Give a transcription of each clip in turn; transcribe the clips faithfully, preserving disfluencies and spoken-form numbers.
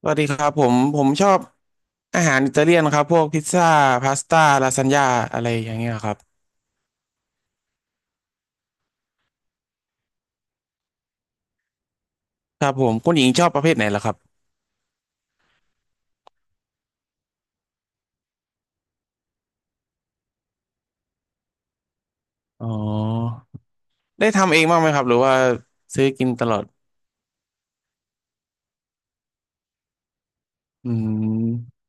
สวัสดีครับผมผมชอบอาหารอิตาเลียนครับพวกพิซซ่าพาสต้าลาซานญ่าอะไรอย่างเงี้ยครับครับผมคุณหญิงชอบประเภทไหนล่ะครับอ๋อได้ทำเองบ้างไหมครับหรือว่าซื้อกินตลอดอืม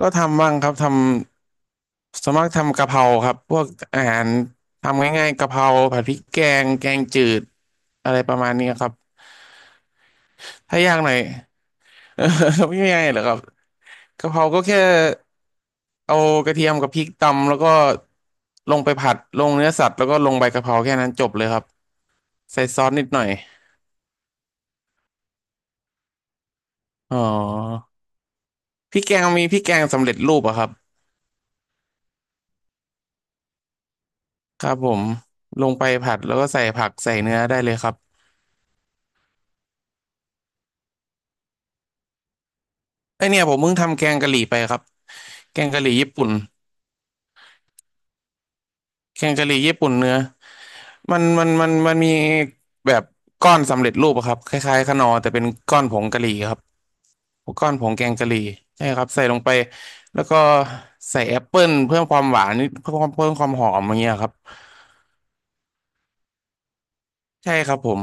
ก็ทำบ้างครับทำสวนมากทำกะเพราครับพวกอาหารทำง่ายๆกะเพราผัดพริกแกงแกงจืดอะไรประมาณนี้ครับถ้ายากหน่อย ไม่ง่ายเหรอครับ กะเพราก็แค่เอากระเทียมกับพริกตำแล้วก็ลงไปผัดลงเนื้อสัตว์แล้วก็ลงใบกะเพราแค่นั้นจบเลยครับใส่ซอสนิดหน่อยอ๋อพริกแกงมีพริกแกงสำเร็จรูปอะครับครับผมลงไปผัดแล้วก็ใส่ผักใส่เนื้อได้เลยครับไอเนี่ยผมเพิ่งทำแกงกะหรี่ไปครับแกงกะหรี่ญี่ปุ่นแกงกะหรี่ญี่ปุ่นเนื้อมันมันมันมันมีแบบก้อนสำเร็จรูปอะครับคล้ายๆขนอแต่เป็นก้อนผงกะหรี่ครับ ก้อนผงแกงกะหรี่ใช่ครับใส่ลงไปแล้วก็ใส่แอปเปิลเพิ่มความหวานนิดเพิ่มความเพิ่มความหอมอย่างเงี้ยครับใช่ครับผม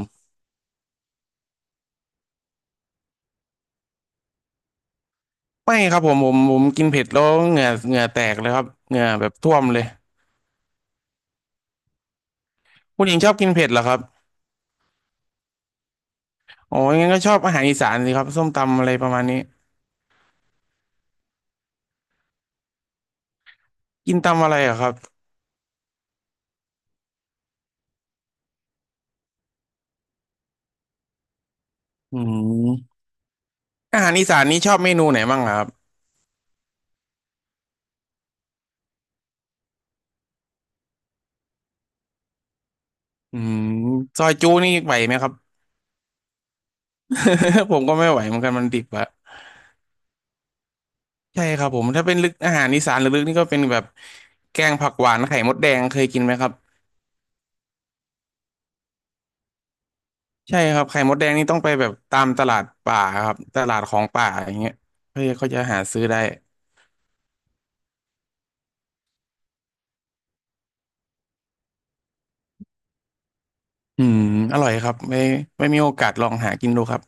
ไม่ครับผมผมผมกินเผ็ดแล้วเหงื่อเหงื่อแตกเลยครับเหงื่อแบบท่วมเลยคุณหญิงชอบกินเผ็ดเหรอครับอ๋องั้นก็ชอบอาหารอีสานสิครับส้มตำอะไรประมาณนี้กินตำอะไรเหรอครับอืมอาหารอีสานนี้ชอบเมนูไหนบ้างเหรอครับอืมซอยจูนี่ไหวไหมครับ ผมก็ไม่ไหวเหมือนกันมันดิบอะ ใช่ครับผมถ้าเป็นลึกอาหารอีสานลึกๆนี่ก็เป็นแบบแกงผักหวานไข่มดแดงเคยกินไหมครับใช่ครับไข่มดแดงนี่ต้องไปแบบตามตลาดป่าครับตลาดของป่าอย่างเงี้ยเพื่อเขาจะหาซื้อได้อืมอร่อยครับไม่ไม่มีโอกาสลองหากินดูครับ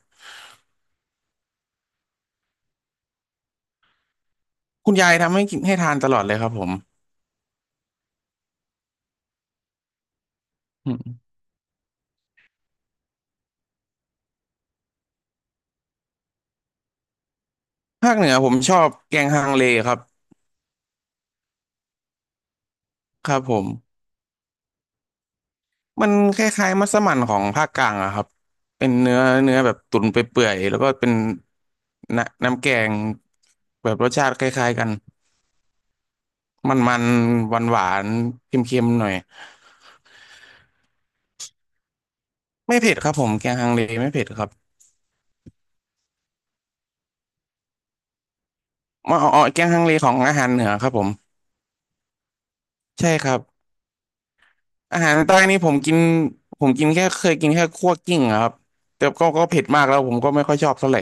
คุณยายทำให้กินให้ทานตลอดเลยครับผมอืมภาคเหนือผมชอบแกงฮังเลครับครับผม มันคล้ายๆมัสมั่นของภาคกลางอะครับเป็นเนื้อเนื้อแบบตุ๋นไปเปื่อยๆแล้วก็เป็นน้ำน้ำแกงแบบรสชาติคล้ายๆกันมันๆหวานหวานเค็มๆหน่อยไม่เผ็ดครับผมแกงฮังเลไม่เผ็ดครับอ๋ออ๋อแกงฮังเลของอาหารเหนือครับผมใช่ครับอาหารใต้นี่ผมกินผมกินแค่เคยกินแค่คั่วกลิ้งอะครับแต่ก็ก็เผ็ดมากแล้วผมก็ไม่ค่อยชอบเท่าไหร่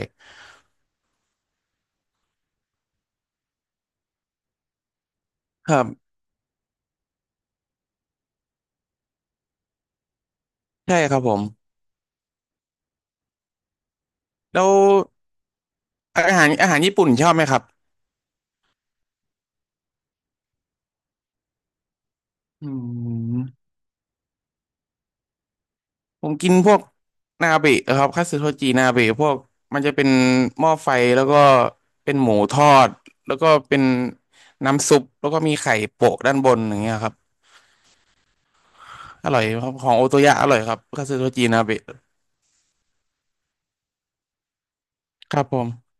ครับใช่ครับผมแล้วอาหารอาหารญี่ปุ่นชอบไหมครับอืม ผมกินพวกนาเบะเออครับคัตสึโทจินาเบะพวกมันจะเป็นหม้อไฟแล้วก็เป็นหมูทอดแล้วก็เป็นน้ำซุปแล้วก็มีไข่โปะด้านบนอย่างเงี้ยครับอร่อยครับของโอโตยะอร่อยครับคัตสึโทจินาเบะครับผม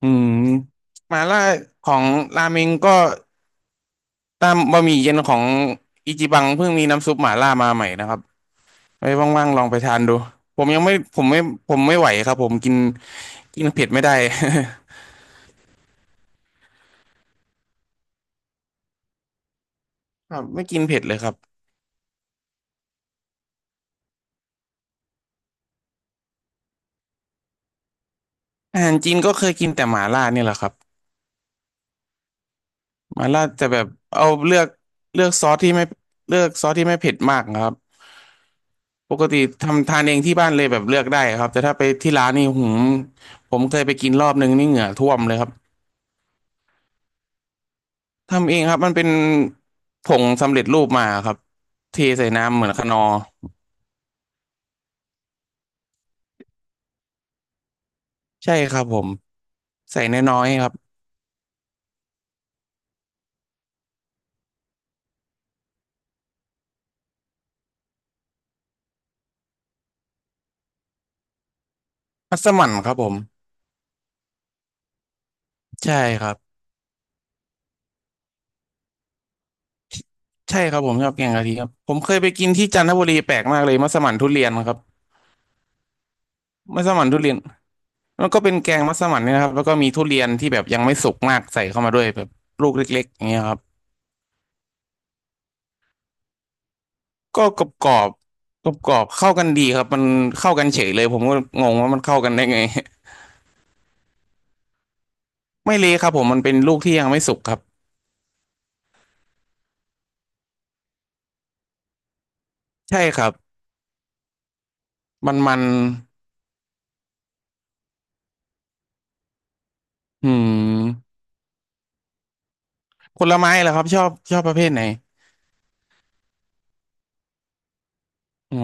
อืมมาล่าของราเมงก็ตามบะหมี่เย็นของอิจิบังเพิ่งมีน้ำซุปหม่าล่ามาใหม่นะครับไว้ว่างๆลองไปทานดูผมยังไม่ผมไม่ผมไม่ไหวครับผมกินกินเผ็ดไม่ได้ ครับไม่กินเผ็ดเลยครับ อาหารจีนก็เคยกินแต่หม่าล่าเนี่ยแหละครับหม่าล่าจะแบบเอาเลือกเลือกซอสที่ไม่เลือกซอสที่ไม่เผ็ดมากนะครับปกติทำทานเองที่บ้านเลยแบบเลือกได้ครับแต่ถ้าไปที่ร้านนี่หืมผมเคยไปกินรอบนึงนี่เหงื่อท่วมเลยครับทำเองครับมันเป็นผงสำเร็จรูปมาครับเทใส่น้ำเหมือนคะนอร์ใช่ครับผมใส่น้อยๆครับมัสมั่นครับผมใช่ครับใช่ครับผมชอบแกงกะทิครับผมเคยไปกินที่จันทบุรีแปลกมากเลยมัสมั่นทุเรียนครับมัสมั่นทุเรียน แล้วก็เป็นแกงมัสมั่นเนี่ยนะครับแล้วก็มีทุเรียนที่แบบยังไม่สุกมากใส่เข้ามาด้วยแบบลูกเล็กๆอย่างเงี้ยครับก็กรอบกรอบกรอบกรอบเข้ากันดีครับมันเข้ากันเฉยเลยผมก็งงว่ามันเข้ากันได้ไง ไม่เละครับผมมันเป็นลูกที่ยังไม่สุกครับใช่ครับมันมันอืมผลไม้เหรอครับชอบชอบประเภทไหนอ๋อ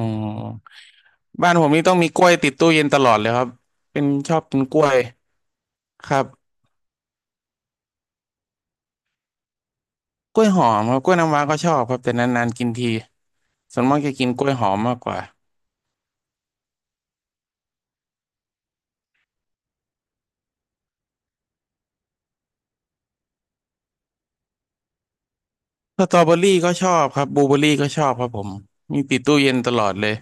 บ้านผมนี่ต้องมีกล้วยติดตู้เย็นตลอดเลยครับเป็นชอบกินกล้วยครับกล้วยหอมครับกล้วยน้ำว้าก็ชอบครับแต่นานๆกินทีส่วนมากจะกินกล้วยหอมมากกว่า สตรอเบอรี่ก็ชอบครับบลูเบอรี่ก็ชอบครับผมมีติดตู้เย็นตลอดเลย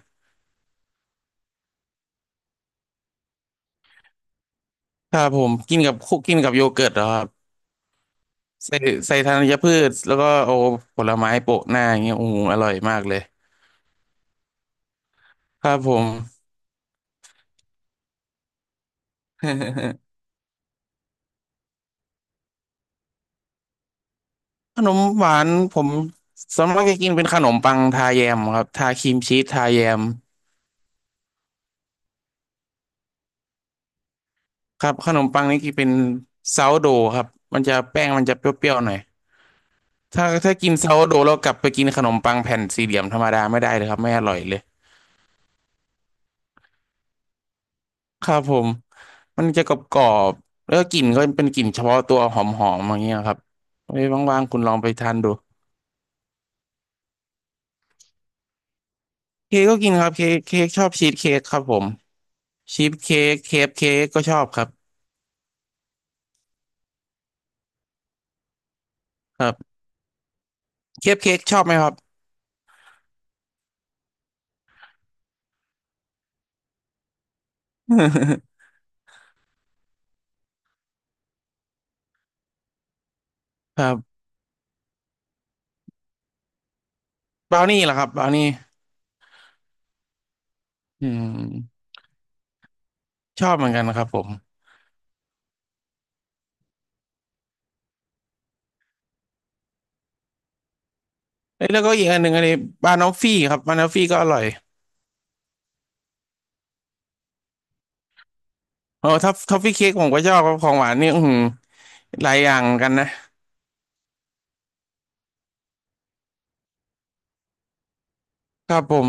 ถ้าผมกินกับคุกกินกับโยเกิร์ตเหรอครับใส่ใส่ธัญพืชแล้วก็เอาผลไม้โปะหน้าอย่างเงี้ยโอ้โหอร่อยมากเลยครับผม ขนมหวานผมส่วนมากจะกินเป็นขนมปังทาแยมครับทาครีมชีสทาแยมครับขนมปังนี่กินเป็นซาวโดครับมันจะแป้งมันจะเปรี้ยวๆหน่อยถ้าถ้ากินซาวโดแล้วกลับไปกินขนมปังแผ่นสี่เหลี่ยมธรรมดาไม่ได้เลยครับไม่อร่อยเลย ครับผมมันจะกรอบกรอบแล้วกกลิ่นก็เป็นกลิ่นเฉพาะตัวหอมหอมอย่างเงี้ยครับไว้ว่างๆคุณลองไปทานดูเค้กก็กินครับเค้กเค้กชอบชีสเค้กครับผมชีสเค้กเคฟเค้กก็ชอบครับครับเคฟเค้กชอบไหมครับ ครับบราวนี่เหรอครับบราวนี่อืมชอบเหมือนกันครับผมเอ้ยแล้วก็อีกอันหนึ่งอันนี้บานอฟฟี่ครับบานอฟฟี่ก็อร่อยโอ้ทัฟทอฟฟี่เค้กผมก็ชอบครับของหวานนี่อือหือหลายอย่างเหมือนกันนะครับผม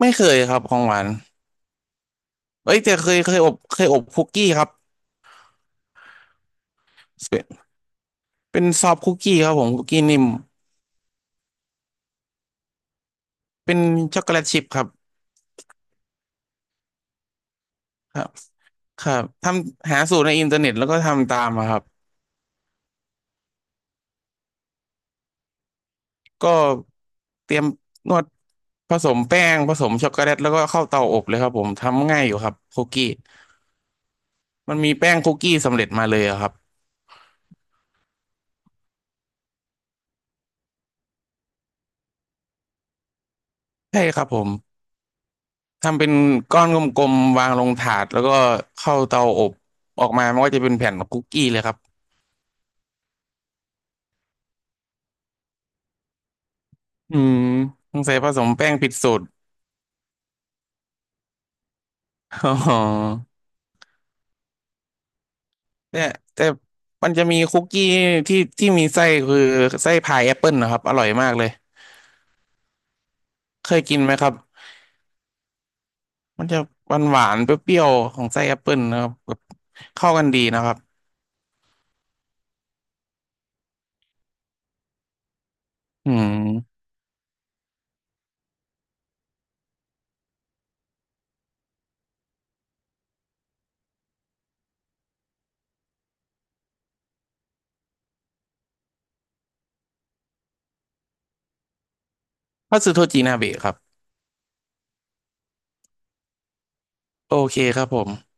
ไม่เคยครับของหวาน เอ้ยแต่เคยเคยอบเคยอบคุกกี้ครับเป็นเป็นซอฟต์คุกกี้ครับผมคุกกี้นิ่มเป็นช็อกโกแลตชิพครับครับครับทำหาสูตรในอินเทอร์เน็ตแล้วก็ทำตามอะครับก็เตรียมนวดผสมแป้งผสมช็อกโกแลตแล้วก็เข้าเตาอบเลยครับผมทำง่ายอยู่ครับคุกกี้มันมีแป้งคุกกี้สำเร็จมาเลยอะครับใช่ครับผมทำเป็นก้อนกลมๆวางลงถาดแล้วก็เข้าเตาอบออกมามันก็จะเป็นแผ่นคุกกี้เลยครับอืมสงสัยผสมแป้งผิดสูตร อ๋อเนี่ยแต่มันจะมีคุกกี้ที่ที่มีไส้คือไส้พายแอปเปิลนะครับ อร่อยมากเลย เคยกินไหมครับ มันจะหวานหวานเปรี้ยวๆของไส้แอปเปิลนะครับแบบเข้ากันดีนะครับอืมพัสดุโทจินาเบะครับ โอเคครับผม